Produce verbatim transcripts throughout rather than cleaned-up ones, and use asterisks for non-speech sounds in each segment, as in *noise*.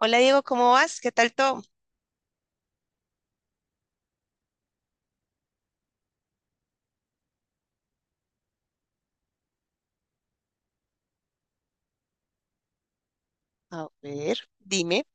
Hola Diego, ¿cómo vas? ¿Qué tal todo? A ver, dime.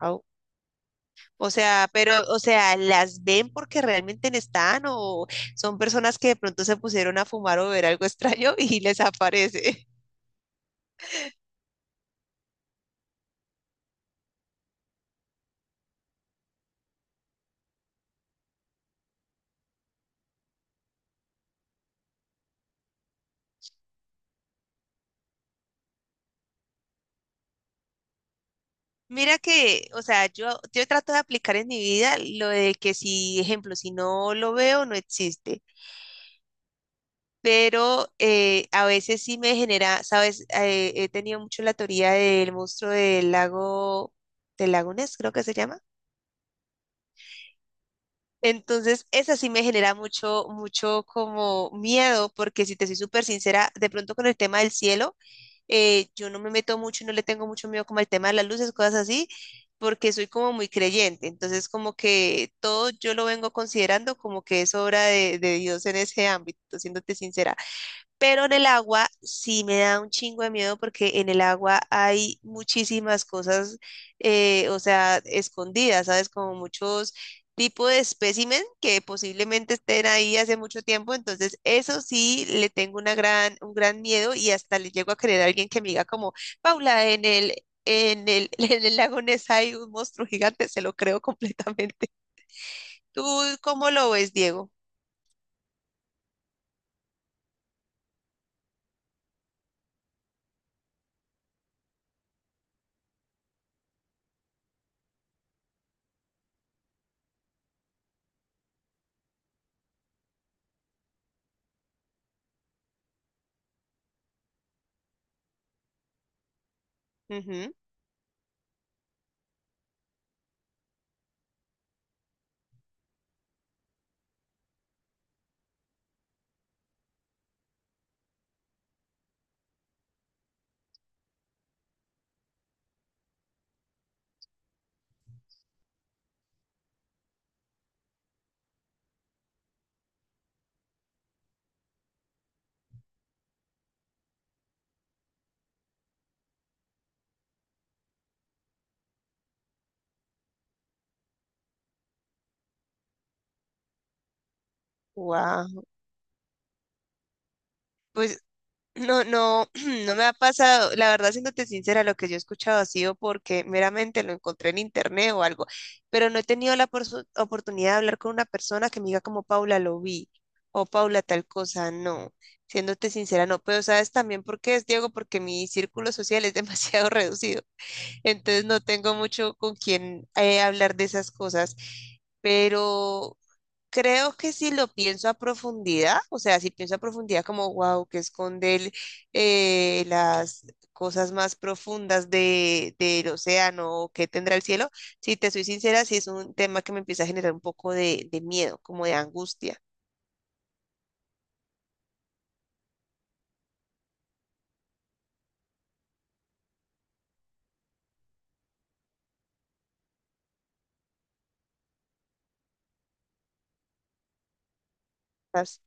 Au. O sea, pero, o sea, ¿las ven porque realmente no están o son personas que de pronto se pusieron a fumar o ver algo *laughs* extraño y les aparece? *laughs* Mira que, o sea, yo, yo trato de aplicar en mi vida lo de que si, ejemplo, si no lo veo, no existe. Pero eh, a veces sí me genera, ¿sabes? Eh, he tenido mucho la teoría del monstruo del lago, del lago Ness, creo que se llama. Entonces, esa sí me genera mucho, mucho como miedo, porque si te soy súper sincera, de pronto con el tema del cielo, eh, yo no me meto mucho y no le tengo mucho miedo como al tema de las luces, cosas así, porque soy como muy creyente. Entonces, como que todo yo lo vengo considerando como que es obra de, de Dios en ese ámbito, siéndote sincera. Pero en el agua sí me da un chingo de miedo porque en el agua hay muchísimas cosas, eh, o sea, escondidas, ¿sabes? Como muchos tipos de espécimen que posiblemente estén ahí hace mucho tiempo. Entonces, eso sí le tengo una gran, un gran miedo y hasta le llego a querer a alguien que me diga como, Paula, en el, en el, *laughs* en el lago Ness hay un monstruo gigante, se lo creo *laughs* completamente. ¿Tú cómo lo ves, Diego? Wow. Pues no, no, *clears throat* no me ha pasado. La verdad, siéndote sincera, lo que yo he escuchado ha sido porque meramente lo encontré en internet o algo, pero no he tenido la porso- oportunidad de hablar con una persona que me diga como Paula lo vi o Paula tal cosa, no. Siéndote sincera, no, pero sabes también por qué es Diego, porque mi círculo social es demasiado *laughs* reducido, entonces no tengo mucho con quien eh, hablar de esas cosas, pero creo que si lo pienso a profundidad, o sea, si pienso a profundidad como, wow, que esconde el, eh, las cosas más profundas de, del océano o qué tendrá el cielo, si te soy sincera, sí es un tema que me empieza a generar un poco de, de miedo, como de angustia. ¿Sabes?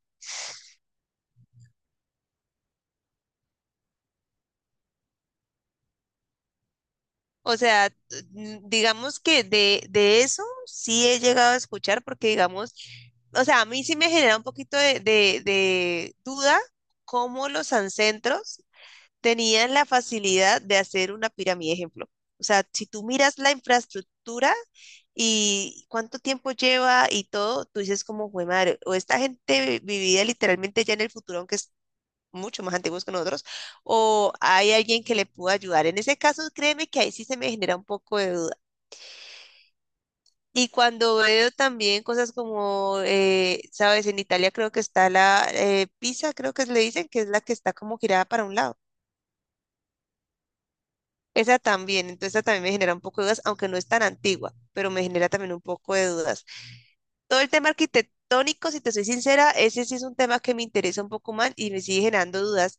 O sea, t- n- digamos que de, de eso sí he llegado a escuchar, porque digamos, o sea, a mí sí me genera un poquito de, de, de duda cómo los ancestros tenían la facilidad de hacer una pirámide, ejemplo. O sea, si tú miras la infraestructura y cuánto tiempo lleva y todo, tú dices como, güey, madre, o esta gente vi- vivía literalmente ya en el futuro, aunque es mucho más antiguos que nosotros, o hay alguien que le pudo ayudar. En ese caso, créeme que ahí sí se me genera un poco de duda. Y cuando veo también cosas como, eh, sabes, en Italia creo que está la eh, Pisa, creo que le dicen, que es la que está como girada para un lado. Esa también, entonces esa también me genera un poco de dudas, aunque no es tan antigua, pero me genera también un poco de dudas. Todo el tema arquitectónico, si te soy sincera, ese sí es un tema que me interesa un poco más y me sigue generando dudas,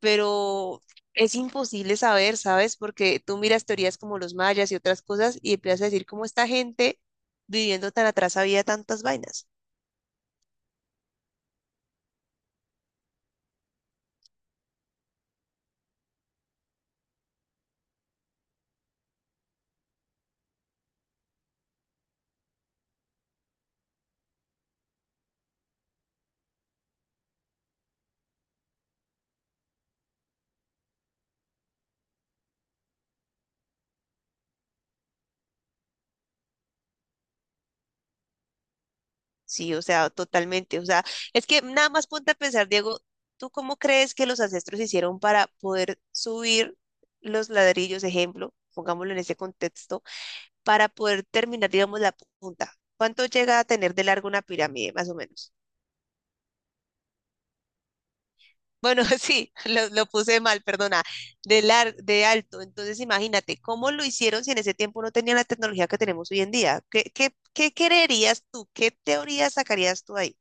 pero es imposible saber, ¿sabes? Porque tú miras teorías como los mayas y otras cosas y empiezas a decir cómo esta gente viviendo tan atrás había tantas vainas. Sí, o sea, totalmente. O sea, es que nada más ponte a pensar, Diego, ¿tú cómo crees que los ancestros hicieron para poder subir los ladrillos, ejemplo, pongámoslo en ese contexto, para poder terminar, digamos, la punta? ¿Cuánto llega a tener de largo una pirámide, más o menos? Bueno, *laughs* sí, lo, lo puse mal, perdona, de lar- de alto. Entonces, imagínate, ¿cómo lo hicieron si en ese tiempo no tenían la tecnología que tenemos hoy en día? ¿Qué, qué, qué creerías tú? ¿Qué teoría sacarías tú ahí?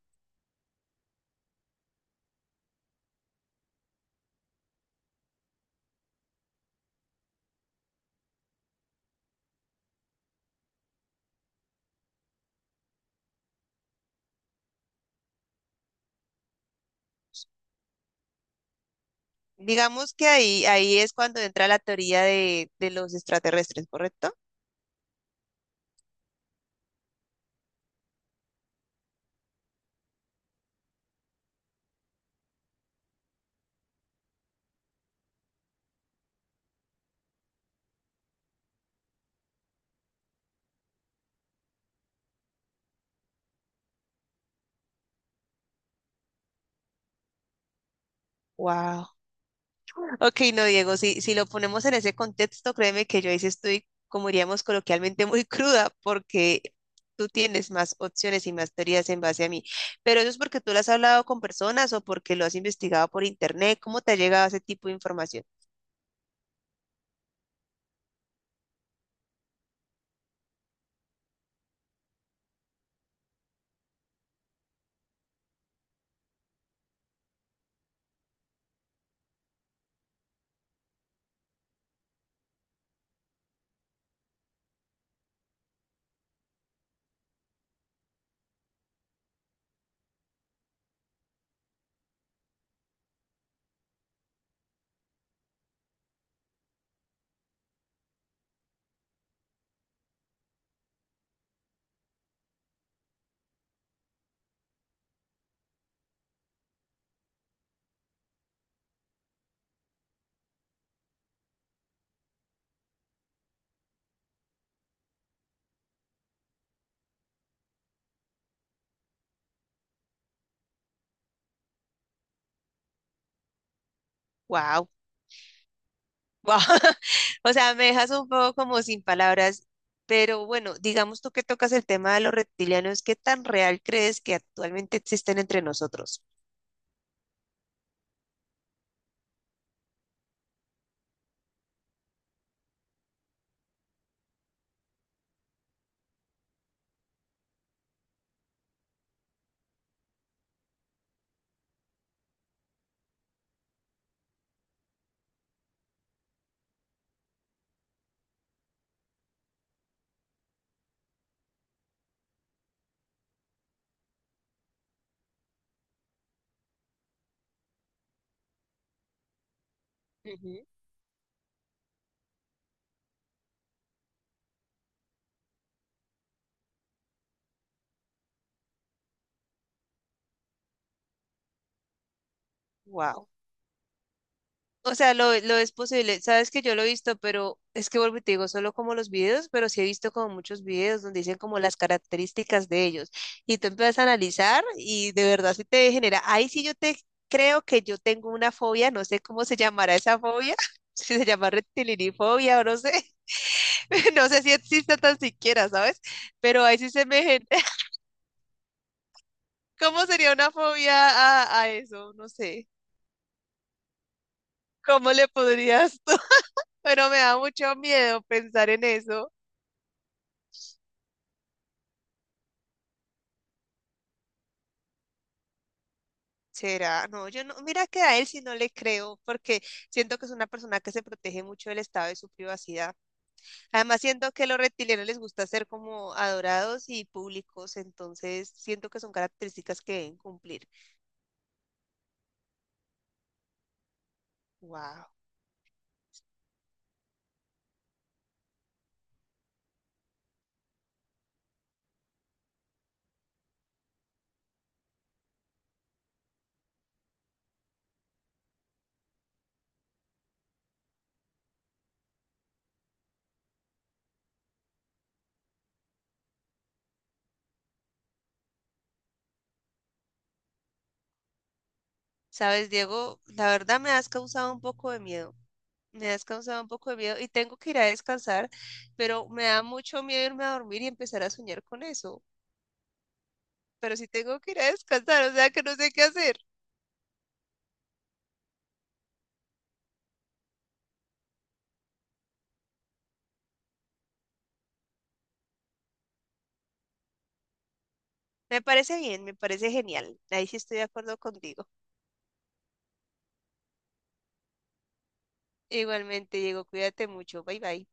Digamos que ahí, ahí es cuando entra la teoría de, de los extraterrestres, ¿correcto? Wow. Ok, no, Diego, si, si lo ponemos en ese contexto, créeme que yo ahí sí estoy, como diríamos coloquialmente, *laughs* muy cruda, porque tú tienes más opciones y más teorías en base a mí. Pero eso es porque tú lo has hablado con personas o porque lo has investigado por internet. ¿Cómo te ha llegado ese tipo de información? Wow. Guau. *laughs* O sea, me dejas un poco como sin palabras, pero bueno, digamos tú que tocas el tema de los reptilianos, ¿qué tan real crees que actualmente existen entre nosotros? Wow. O sea, lo, lo es posible. Sabes que yo lo he visto, pero es que vuelvo y te digo, solo como los videos, pero sí he visto como muchos videos donde dicen como las características de ellos. Y tú empiezas a analizar y de verdad sí te genera. Ahí sí yo te creo que yo tengo una fobia, no sé cómo se llamará esa fobia, *laughs* si se llama reptilinifobia o no sé. *laughs* No sé si existe tan siquiera, ¿sabes? Pero ahí sí se me... gen- *laughs* ¿Cómo sería una fobia a, a eso? No sé. ¿Cómo le podrías tú? *laughs* Pero me da mucho miedo pensar en eso. ¿Será? No, yo no. Mira que a él sí no le creo, porque siento que es una persona que se protege mucho del estado de su privacidad. Además, siento que a los reptilianos les gusta ser como adorados y públicos, entonces siento que son características que deben cumplir. Wow. ¿Sabes, Diego? La verdad me has causado un poco de miedo. Me has causado un poco de miedo y tengo que ir a descansar, pero me da mucho miedo irme a dormir y empezar a soñar con eso. Pero sí tengo que ir a descansar, o sea que no sé qué hacer. Me parece bien, me parece genial. Ahí sí estoy de acuerdo contigo. Igualmente, Diego, cuídate mucho. Bye bye.